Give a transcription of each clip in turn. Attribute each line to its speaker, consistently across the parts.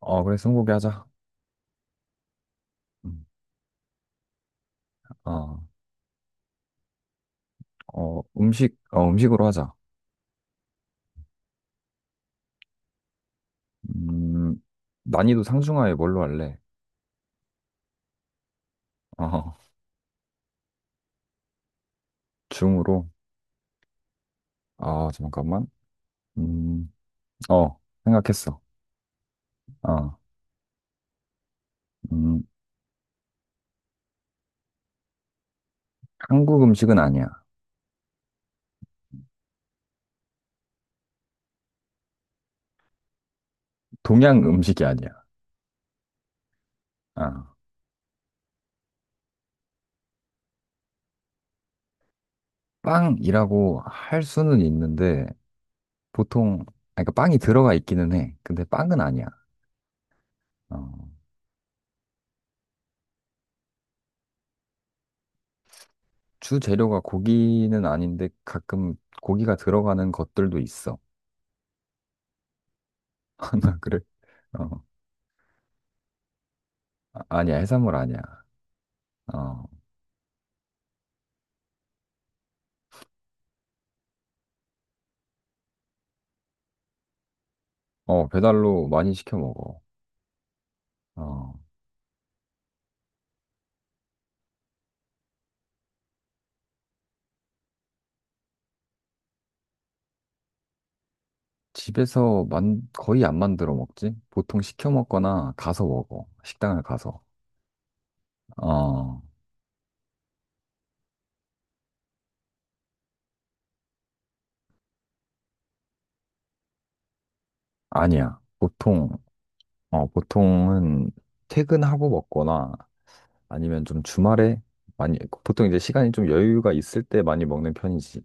Speaker 1: 어, 그래, 스무고개 하자. 음. 어, 음식, 음식으로 하자. 음, 난이도 상중하에 뭘로 할래? 어, 중으로. 아, 잠깐만. 음, 생각했어. 어, 음, 한국 음식은 아니야. 동양 음식이 아니야. 아, 빵이라고 할 수는 있는데, 보통, 그러니까 빵이 들어가 있기는 해. 근데 빵은 아니야. 어, 주 재료가 고기는 아닌데, 가끔 고기가 들어가는 것들도 있어. 나 그래. 어. 아니야, 해산물 아니야. 어, 배달로 많이 시켜 먹어. 어, 집에서 거의 안 만들어 먹지? 보통 시켜 먹거나 가서 먹어. 식당을 가서. 어, 아니야. 보통은 퇴근하고 먹거나 아니면 좀 주말에 많이, 보통 이제 시간이 좀 여유가 있을 때 많이 먹는 편이지.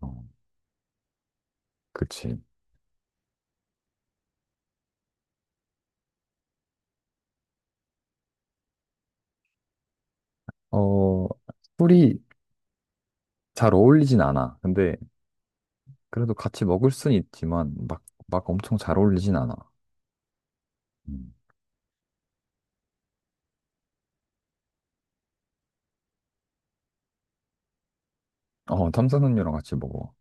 Speaker 1: 어, 그치. 어, 술이 잘 어울리진 않아. 근데 그래도 같이 먹을 순 있지만 막 엄청 잘 어울리진 않아. 음. 어, 탄산음료랑 같이 먹어.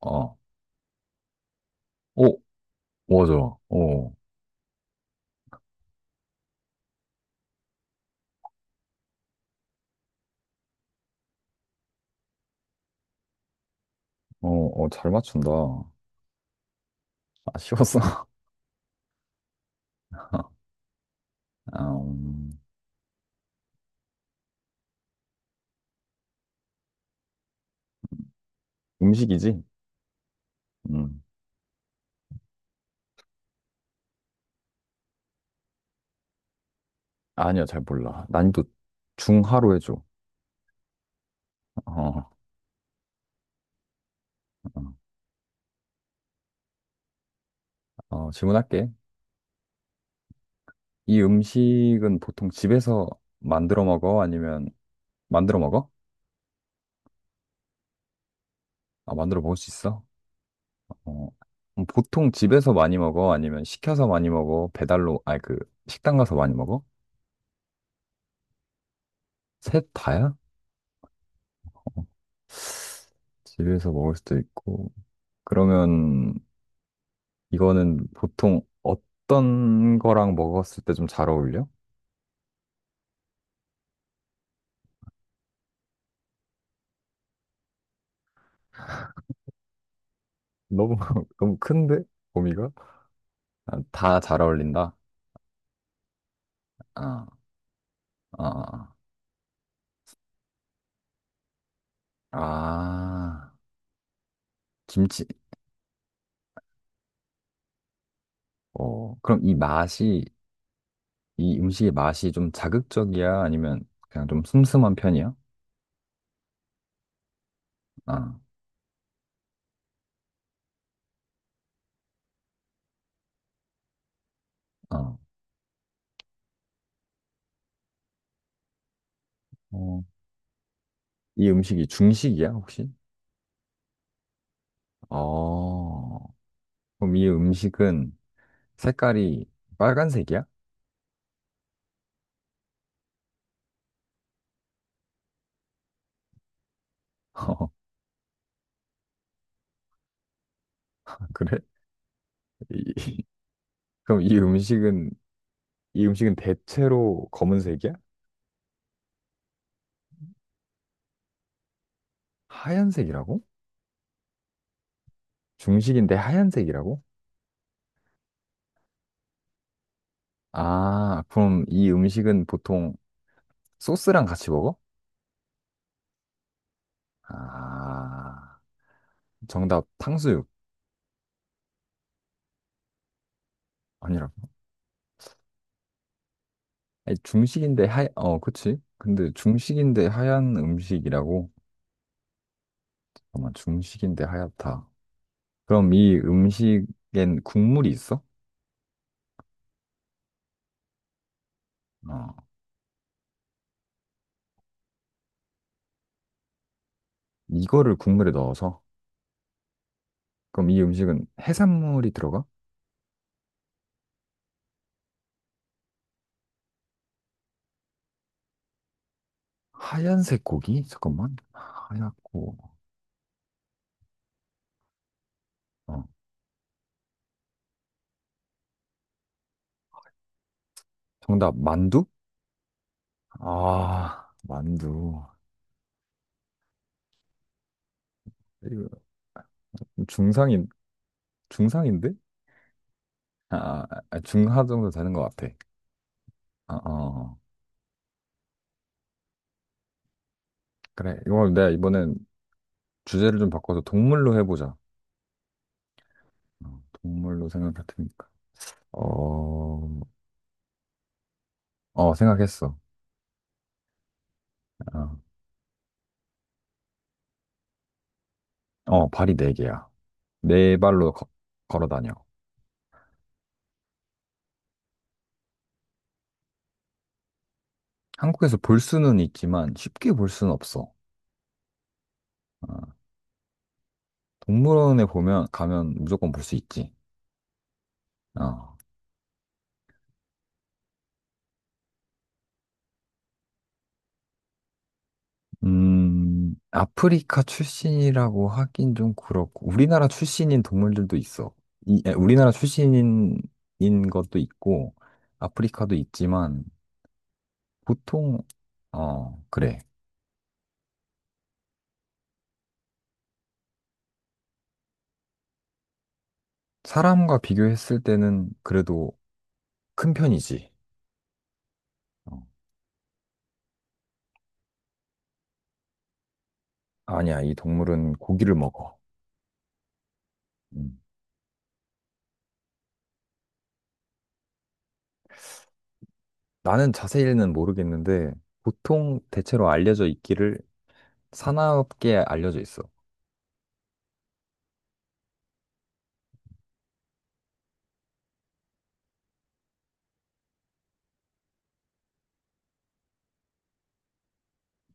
Speaker 1: 아, 어, 오, 맞아. 어, 잘 맞춘다. 아쉬웠어. 아, 음, 음식이지? 음, 아니야, 잘 몰라. 난이도 중하로 해줘. 어, 어, 질문할게. 이 음식은 보통 집에서 만들어 먹어? 아니면 만들어 먹어? 아, 만들어 먹을 수 있어? 어, 보통 집에서 많이 먹어? 아니면 시켜서 많이 먹어? 배달로, 아니, 그, 식당 가서 많이 먹어? 셋 다야? 집에서 먹을 수도 있고, 그러면 이거는 보통 어떤 거랑 먹었을 때 좀 잘 어울려? 너무 너무 큰데? 범위가? 다 잘 어울린다. 아, 아, 아, 아, 김치. 그럼 이 음식의 맛이 좀 자극적이야? 아니면 그냥 좀 슴슴한 편이야? 아, 아, 어, 이 음식이 중식이야, 혹시? 어, 그럼 이 음식은 색깔이 빨간색이야? 그래? 그럼 이 음식은 대체로 검은색이야? 하얀색이라고? 중식인데 하얀색이라고? 그럼 이 음식은 보통 소스랑 같이 먹어? 아, 정답 탕수육. 아니라고. 아니, 중식인데 그치? 근데 중식인데 하얀 음식이라고? 잠깐만, 중식인데 하얗다. 그럼 이 음식엔 국물이 있어? 어, 이거를 국물에 넣어서? 그럼 이 음식은 해산물이 들어가? 하얀색 고기? 잠깐만. 하얗고. 어. 정답, 만두? 만두. 이거 중상인, 중상인데? 아, 중하 정도 되는 것 같아. 어. 어. 그래. 이거 내가 이번엔 주제를 좀 바꿔서 동물로 해보자. 동물로 생각할 테니까. 어, 생각했어. 어, 발이 네 개야. 네 발로 걸어 다녀. 한국에서 볼 수는 있지만 쉽게 볼 수는 없어. 어. 동물원에 보면 가면 무조건 볼 수 있지. 어. 아프리카 출신이라고 하긴 좀 그렇고 우리나라 출신인 동물들도 있어. 우리나라 출신인 인 것도 있고 아프리카도 있지만 보통 그래. 사람과 비교했을 때는 그래도 큰 편이지. 어. 아니야, 이 동물은 고기를 먹어. 음. 나는 자세히는 모르겠는데 보통 대체로 알려져 있기를 산업계에 알려져 있어.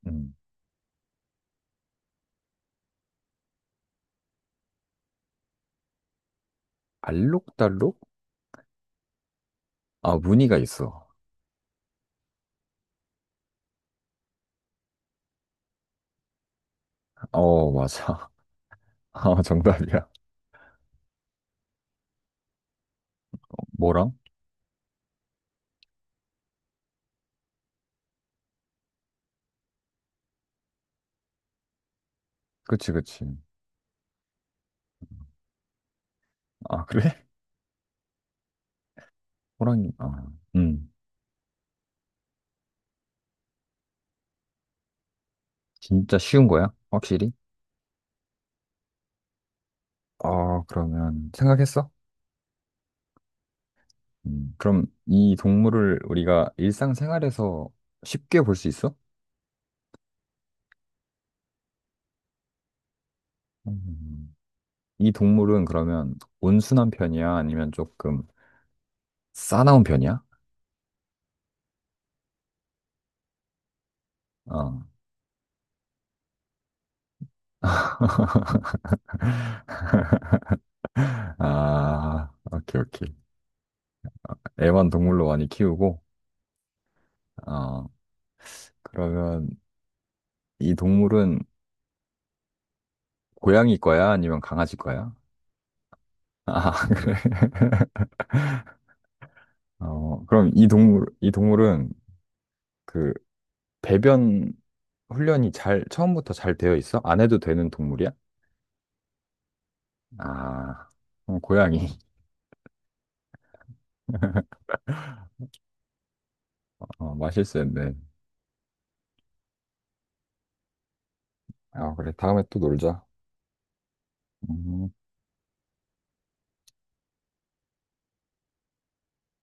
Speaker 1: 음. 알록달록? 무늬가 있어. 맞아. 정답이야. 뭐랑? 그치, 그치. 그래? 호랑이, 음. 진짜 쉬운 거야? 확실히? 그러면, 생각했어? 음. 그럼 이 동물을 우리가 일상생활에서 쉽게 볼 수 있어? 음. 이 동물은 그러면 온순한 편이야? 아니면 조금 싸나운 편이야? 어. 오케이, 오케이. 애완 동물로 많이 키우고, 어, 그러면 이 동물은 고양이 거야? 아니면 강아지 거야? 그래. 그럼 이 동물은 그 배변 훈련이 잘, 처음부터 잘 되어 있어? 안 해도 되는 동물이야? 아, 그럼 고양이. 마실수였네. 그래. 다음에 또 놀자. 음.